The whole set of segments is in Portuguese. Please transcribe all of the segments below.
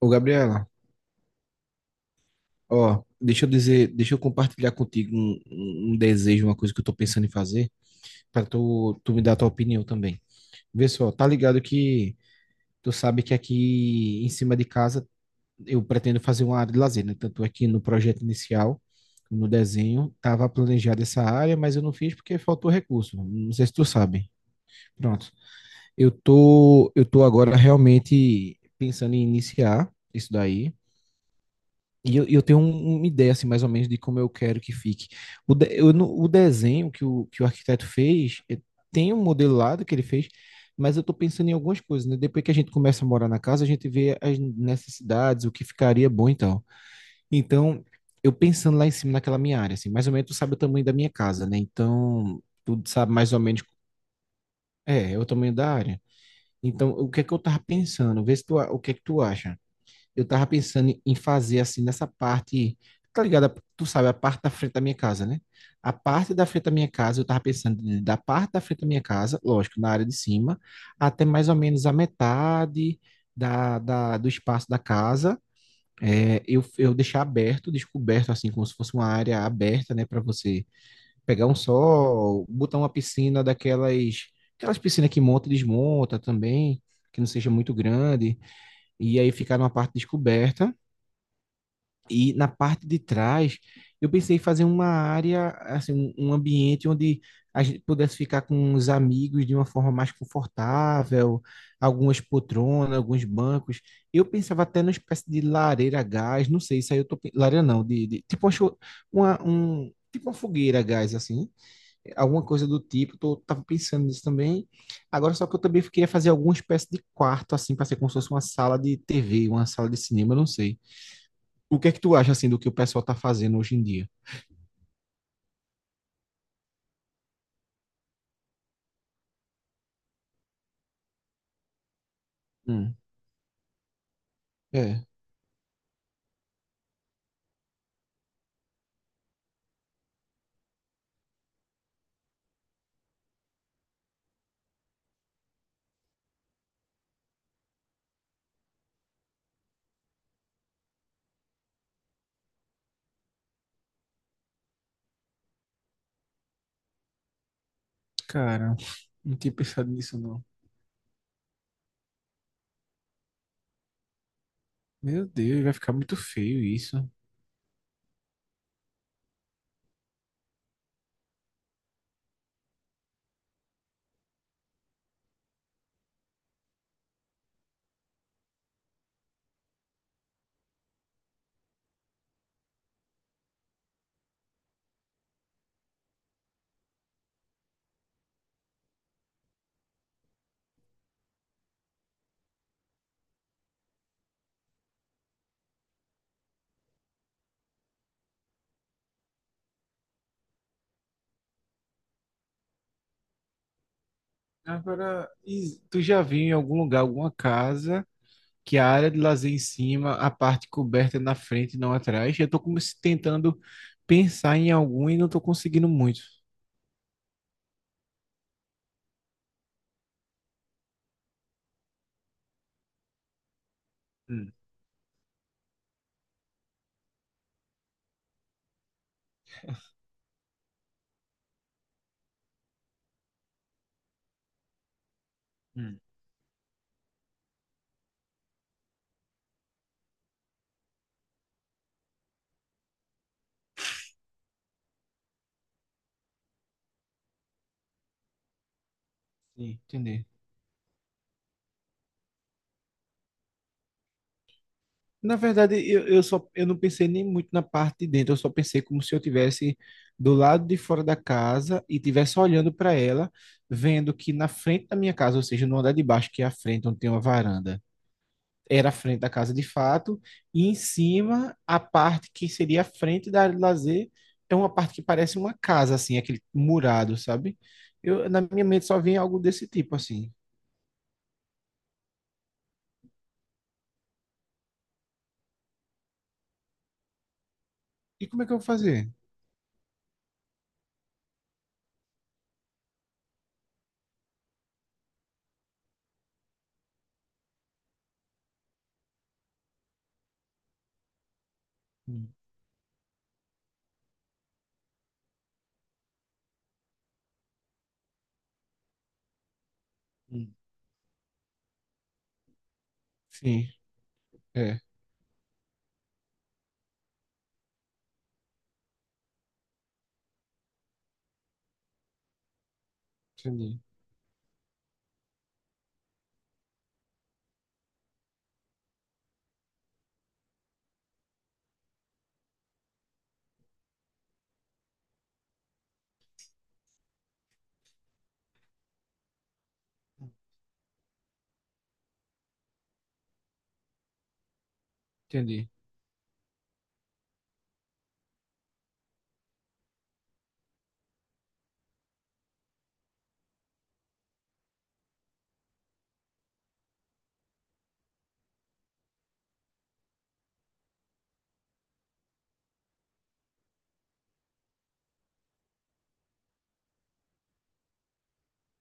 Ô, Gabriela, ó, deixa eu dizer, deixa eu compartilhar contigo um desejo, uma coisa que eu tô pensando em fazer, pra tu me dar a tua opinião também. Vê só, tá ligado que tu sabe que aqui em cima de casa eu pretendo fazer uma área de lazer, né? Tanto aqui no projeto inicial, no desenho, tava planejada essa área, mas eu não fiz porque faltou recurso. Não sei se tu sabe. Pronto. Eu tô agora realmente pensando em iniciar isso daí. E eu tenho uma ideia, assim, mais ou menos, de como eu quero que fique. O, de- eu não- o desenho que o arquiteto fez, tem um modelado que ele fez, mas eu estou pensando em algumas coisas, né? Depois que a gente começa a morar na casa, a gente vê as necessidades, o que ficaria bom e tal. Então, eu pensando lá em cima, naquela minha área, assim, mais ou menos tu sabe o tamanho da minha casa, né? Então, tu sabe mais ou menos, é o tamanho da área. Então, o que é que eu tava pensando? Vê se tu, a- o que é que tu acha. Eu tava pensando em fazer assim nessa parte, tá ligado? Tu sabe, a parte da frente da minha casa, né? A parte da frente da minha casa, eu tava pensando da parte da frente da minha casa, lógico, na área de cima, até mais ou menos a metade da, do espaço da casa. É, eu deixar aberto, descoberto, assim, como se fosse uma área aberta, né, para você pegar um sol, botar uma piscina daquelas, aquelas piscinas que monta e desmonta também, que não seja muito grande, e aí ficar numa parte descoberta. E na parte de trás, eu pensei em fazer uma área, assim, um ambiente onde a gente pudesse ficar com os amigos de uma forma mais confortável, algumas poltronas, alguns bancos. Eu pensava até numa espécie de lareira a gás, não sei, isso aí lareira não, tipo uma, tipo uma fogueira a gás, assim, alguma coisa do tipo, tava pensando nisso também. Agora, só que eu também queria fazer alguma espécie de quarto, assim, para ser como se fosse uma sala de TV, uma sala de cinema, não sei. O que é que tu acha, assim, do que o pessoal tá fazendo hoje em dia? Hum. É, cara, não tinha pensado nisso, não. Meu Deus, vai ficar muito feio isso. Agora, e tu já viu em algum lugar, alguma casa, que a área de lazer em cima, a parte coberta é na frente e não atrás? Eu tô como se tentando pensar em algum e não tô conseguindo muito. Hum, hum, sim, entendi. Na verdade, eu só eu não pensei nem muito na parte de dentro, eu só pensei como se eu tivesse do lado de fora da casa e tivesse olhando para ela, vendo que na frente da minha casa, ou seja, no andar de baixo, que é a frente onde tem uma varanda, era a frente da casa de fato, e em cima, a parte que seria a frente da área de lazer é uma parte que parece uma casa, assim, aquele murado, sabe? Eu, na minha mente só vinha algo desse tipo, assim. E como é que eu vou fazer? Hum, hum. Sim, é, entendi, entendi.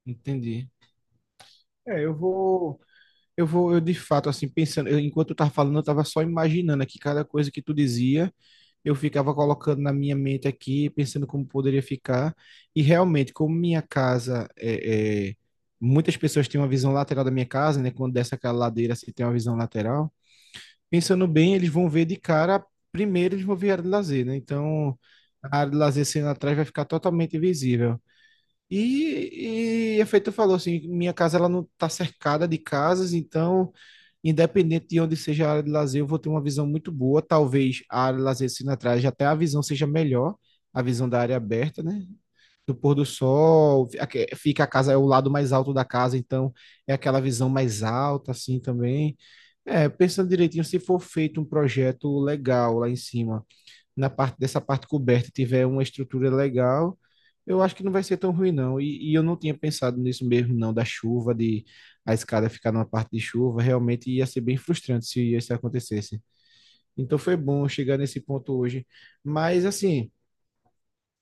Entendi. É, eu de fato, assim, pensando, enquanto eu tava falando, eu tava só imaginando aqui cada coisa que tu dizia, eu ficava colocando na minha mente aqui, pensando como poderia ficar, e realmente, como minha casa, muitas pessoas têm uma visão lateral da minha casa, né, quando desce aquela ladeira, se tem uma visão lateral, pensando bem, eles vão ver de cara, primeiro eles vão ver a área de lazer, né, então, a área de lazer sendo atrás vai ficar totalmente invisível. E efeito falou assim, minha casa ela não está cercada de casas, então independente de onde seja a área de lazer, eu vou ter uma visão muito boa. Talvez a área de lazer sendo atrás, até a visão seja melhor, a visão da área aberta, né? Do pôr do sol, fica a casa, é o lado mais alto da casa, então é aquela visão mais alta, assim também. É, pensando direitinho, se for feito um projeto legal lá em cima na parte dessa parte coberta tiver uma estrutura legal, eu acho que não vai ser tão ruim, não. E eu não tinha pensado nisso mesmo, não, da chuva, de a escada ficar numa parte de chuva. Realmente ia ser bem frustrante se isso acontecesse. Então foi bom chegar nesse ponto hoje. Mas, assim,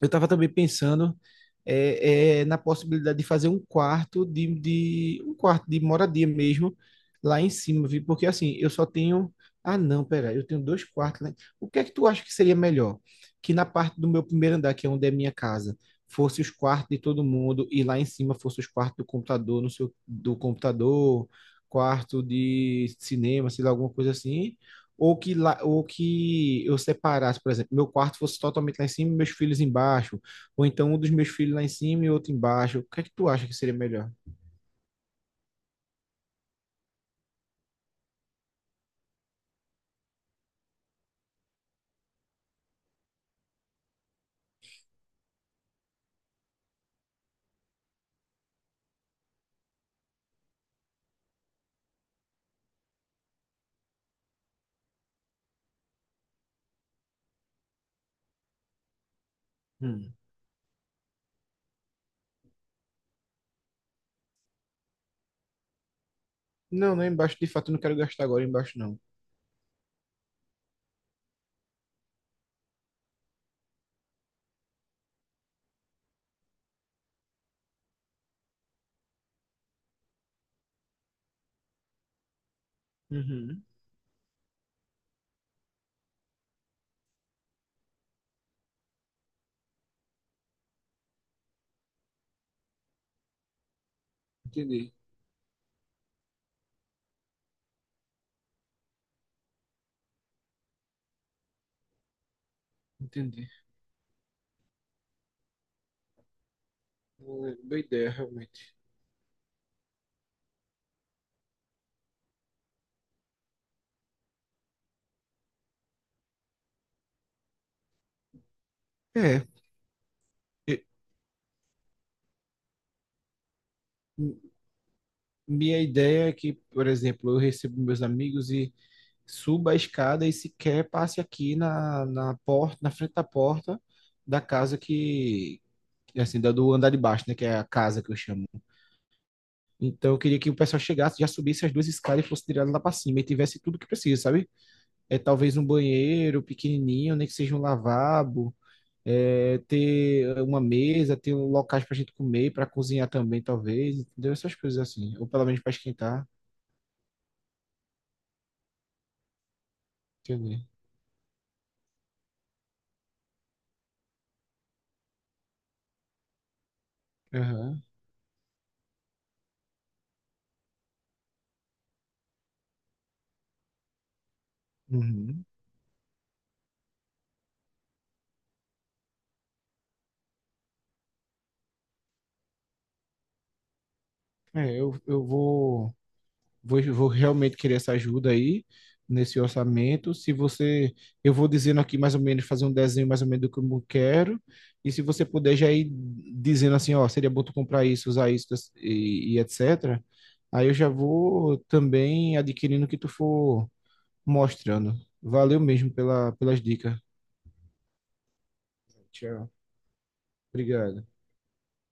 eu estava também pensando na possibilidade de fazer um quarto de um quarto de moradia mesmo lá em cima, viu? Porque assim, eu só tenho. Ah, não, pera, eu tenho dois quartos lá. O que é que tu acha que seria melhor? Que na parte do meu primeiro andar, que é onde é minha casa, fosse os quartos de todo mundo e lá em cima fosse os quartos do computador, no seu, do computador, quarto de cinema, sei lá, alguma coisa assim. Ou que eu separasse, por exemplo, meu quarto fosse totalmente lá em cima e meus filhos embaixo ou então um dos meus filhos lá em cima e outro embaixo. O que é que tu acha que seria melhor? Hum. Não, não, é embaixo de fato eu não quero gastar agora embaixo, não. Uhum. Entendi, entendi. Boa boa ideia, realmente. É, e- m- minha ideia é que, por exemplo, eu recebo meus amigos e suba a escada e sequer passe aqui na porta, na frente da porta da casa que, assim, da do andar de baixo, né, que é a casa que eu chamo. Então eu queria que o pessoal chegasse, já subisse as duas escadas e fosse direto lá para cima e tivesse tudo que precisa, sabe? É talvez um banheiro pequenininho, nem que seja um lavabo, ter uma mesa, ter um locais para a gente comer, para cozinhar também, talvez, entendeu? Essas coisas assim, ou pelo menos para esquentar, entendeu? Aham. Uhum. É, eu vou. Vou realmente querer essa ajuda aí nesse orçamento. Se você, eu vou dizendo aqui mais ou menos, fazer um desenho mais ou menos do que eu quero. E se você puder já ir dizendo assim, ó, seria bom tu comprar isso, usar isso e etc. Aí eu já vou também adquirindo o que tu for mostrando. Valeu mesmo pelas dicas. Tchau. Obrigado.